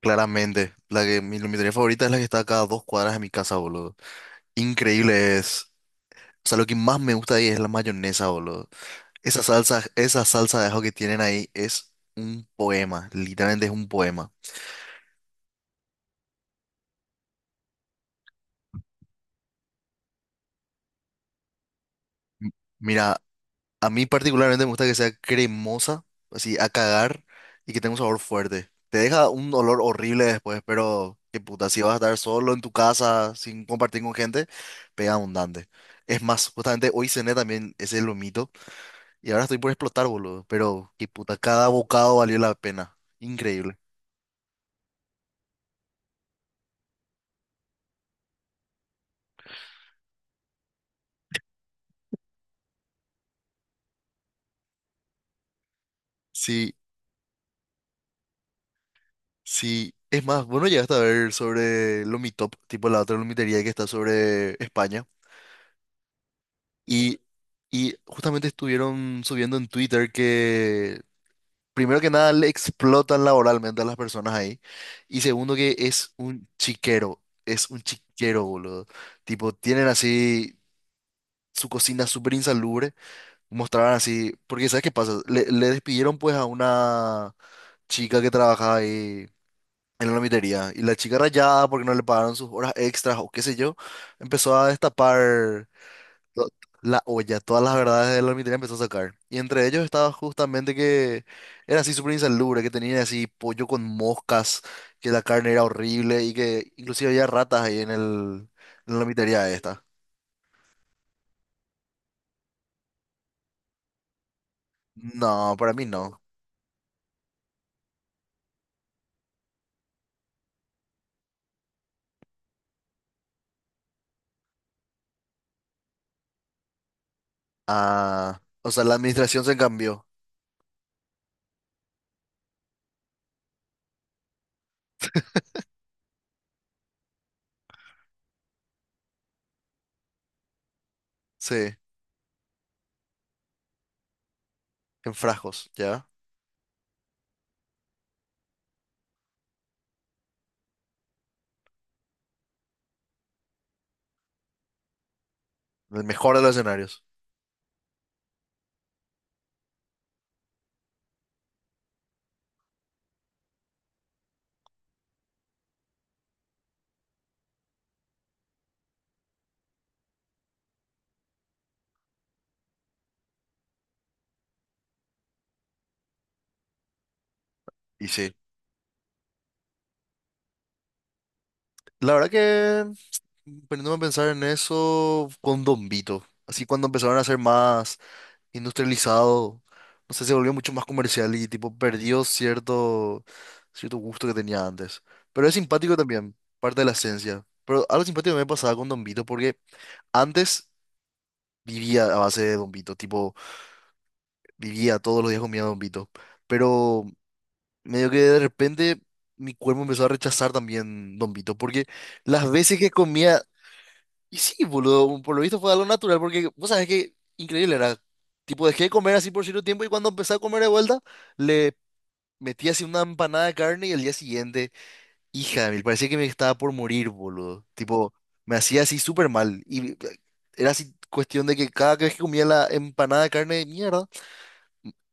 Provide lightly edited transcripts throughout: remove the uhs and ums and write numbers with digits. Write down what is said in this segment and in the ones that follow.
Claramente, la que mi iluminaría favorita es la que está a cada dos cuadras de mi casa, boludo. Increíble es. O sea, lo que más me gusta ahí es la mayonesa, boludo. Esa salsa de ajo que tienen ahí es un poema, literalmente es un poema. M- Mira, a mí particularmente me gusta que sea cremosa, así a cagar y que tenga un sabor fuerte. Te deja un olor horrible después, pero qué puta, si vas a estar solo en tu casa sin compartir con gente, pega abundante. Es más, justamente hoy cené también ese lomito. Y ahora estoy por explotar, boludo. Pero, qué puta, cada bocado valió la pena. Increíble. Sí, sí. Es más, bueno, llegaste a ver sobre Lomitop, tipo la otra lomitería que está sobre España. Y, y justamente estuvieron subiendo en Twitter que, primero que nada, le explotan laboralmente a las personas ahí. Y segundo, que es un chiquero. Es un chiquero, boludo. Tipo, tienen así su cocina súper insalubre. Mostraban así, porque ¿sabes qué pasa? Le despidieron pues a una chica que trabajaba ahí en la lomitería, y la chica rayada porque no le pagaron sus horas extras o qué sé yo, empezó a destapar to- la olla, todas las verdades de la lomitería empezó a sacar. Y entre ellos estaba justamente que era así súper insalubre, que tenían así pollo con moscas, que la carne era horrible y que inclusive había ratas ahí en la lomitería esta. No, para mí no. Ah, o sea, la administración se cambió. Sí. En frascos, ¿ya? El mejor de los escenarios. Y sí. La verdad que, poniéndome a pensar en eso, con Don Vito. Así cuando empezaron a ser más industrializado, no sé, se volvió mucho más comercial y tipo perdió cierto gusto que tenía antes. Pero es simpático también, parte de la esencia. Pero algo simpático me pasaba con Don Vito porque antes vivía a base de Don Vito, tipo, vivía todos los días comía Don Vito. Pero medio que de repente mi cuerpo empezó a rechazar también Don Vito, porque las veces que comía, y sí, boludo, por lo visto fue algo natural, porque vos sabés que increíble era, tipo dejé de comer así por cierto tiempo y cuando empecé a comer de vuelta, le metí así una empanada de carne y el día siguiente, hija de mil, parecía que me estaba por morir, boludo, tipo, me hacía así súper mal, y era así cuestión de que cada vez que comía la empanada de carne, mierda,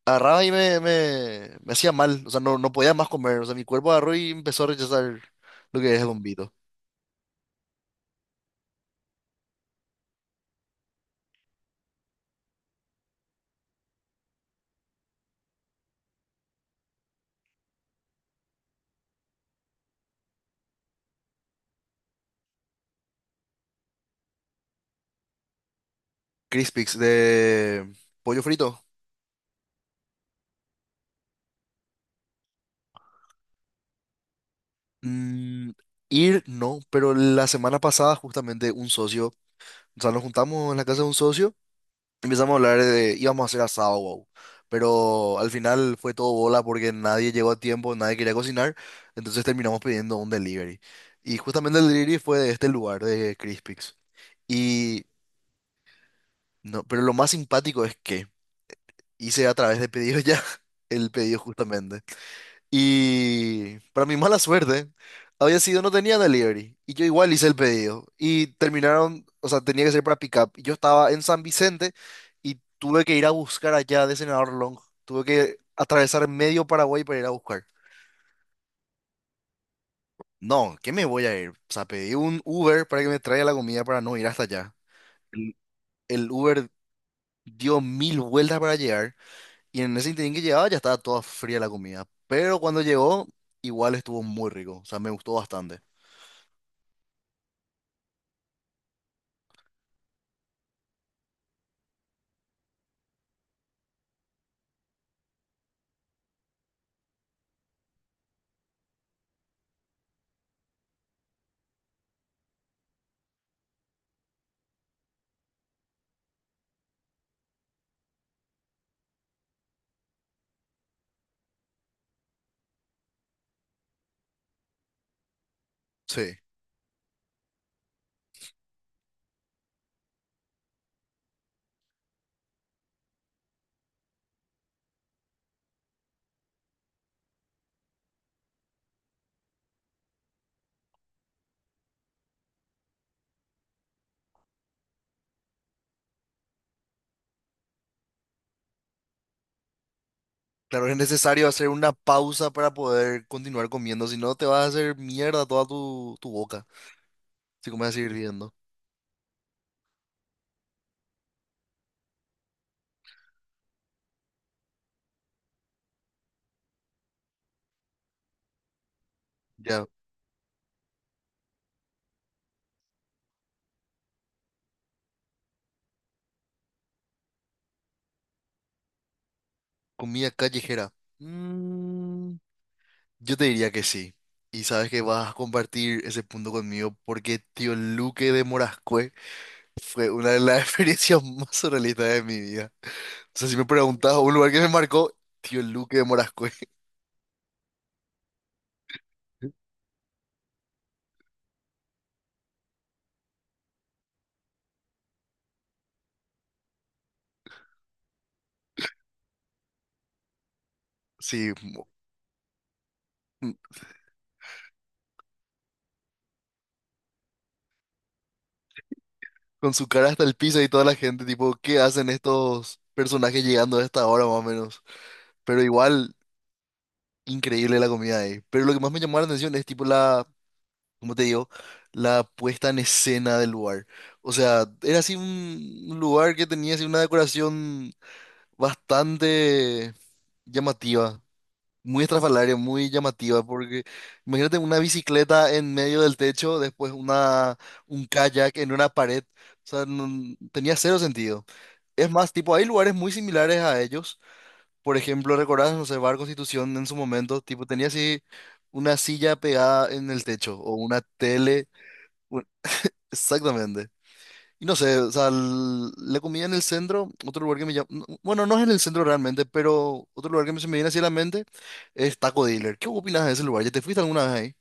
agarraba y me hacía mal, o sea, no, no podía más comer, o sea, mi cuerpo agarró y empezó a rechazar lo que es el bombito. Crispix de pollo frito. Mm, ir, no, pero la semana pasada justamente un socio, o sea, nos juntamos en la casa de un socio, empezamos a hablar íbamos a hacer asado, wow. Pero al final fue todo bola porque nadie llegó a tiempo, nadie quería cocinar, entonces terminamos pidiendo un delivery. Y justamente el delivery fue de este lugar, de Crispix. Y no, pero lo más simpático es que hice a través de pedido ya el pedido justamente. Y para mi mala suerte, había sido, no tenía delivery. Y yo igual hice el pedido. Y terminaron, o sea, tenía que ser para pick up. Y yo estaba en San Vicente y tuve que ir a buscar allá de Senador Long. Tuve que atravesar medio Paraguay para ir a buscar. No, ¿qué me voy a ir? O sea, pedí un Uber para que me traiga la comida para no ir hasta allá. El, el Uber dio mil vueltas para llegar. Y en ese interín que llegaba ya estaba toda fría la comida. Pero cuando llegó, igual estuvo muy rico. O sea, me gustó bastante. Sí. Claro, es necesario hacer una pausa para poder continuar comiendo. Si no, te vas a hacer mierda toda tu boca. Si comes a seguir viendo. Ya, comida callejera. Mm, yo te diría que sí. Y sabes que vas a compartir ese punto conmigo porque Tío Luque de Morascue fue una de las experiencias más surrealistas de mi vida. O sea, si me preguntas, un lugar que me marcó, Tío Luque de Morascue. Sí, con su cara hasta el piso y toda la gente, tipo, ¿qué hacen estos personajes llegando a esta hora más o menos? Pero igual, increíble la comida ahí. Pero lo que más me llamó la atención es, tipo, la, ¿cómo te digo? La puesta en escena del lugar. O sea, era así un lugar que tenía así una decoración bastante llamativa. Muy estrafalaria, muy llamativa, porque imagínate una bicicleta en medio del techo, después un kayak en una pared, o sea, tenía cero sentido. Es más, tipo, hay lugares muy similares a ellos. Por ejemplo, recordás, no sé, Bar Constitución en su momento, tipo, tenía así una silla pegada en el techo o una tele. un- Exactamente. Y no sé, o sea, la comida en el centro, otro lugar que me llama, bueno, no es en el centro realmente, pero otro lugar que se me viene así a la mente es Taco Dealer. ¿Qué opinas de ese lugar? ¿Ya te fuiste alguna vez ahí?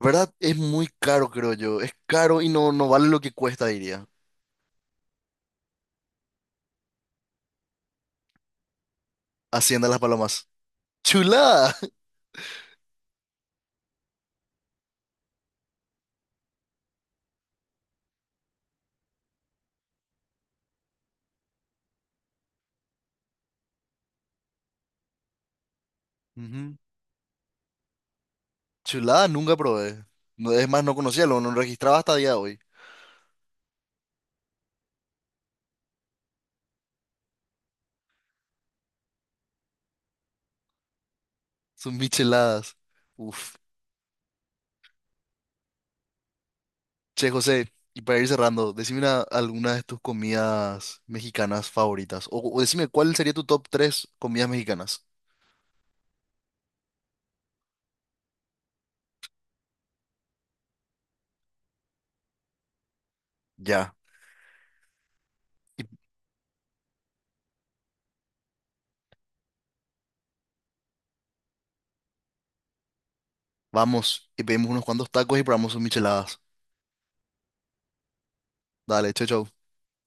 ¿Verdad? Es muy caro, creo yo. Es caro y no, no vale lo que cuesta, diría. Hacienda Las Palomas. ¡Chulada! Ujú. Chulada nunca probé. Es más, no conocía, lo no registraba hasta día de hoy. Son micheladas. Uf. Che, José, y para ir cerrando, decime alguna de tus comidas mexicanas favoritas. O decime cuál sería tu top 3 comidas mexicanas. Ya. Y vamos, y pedimos unos cuantos tacos y probamos sus micheladas. Dale, chau, chau.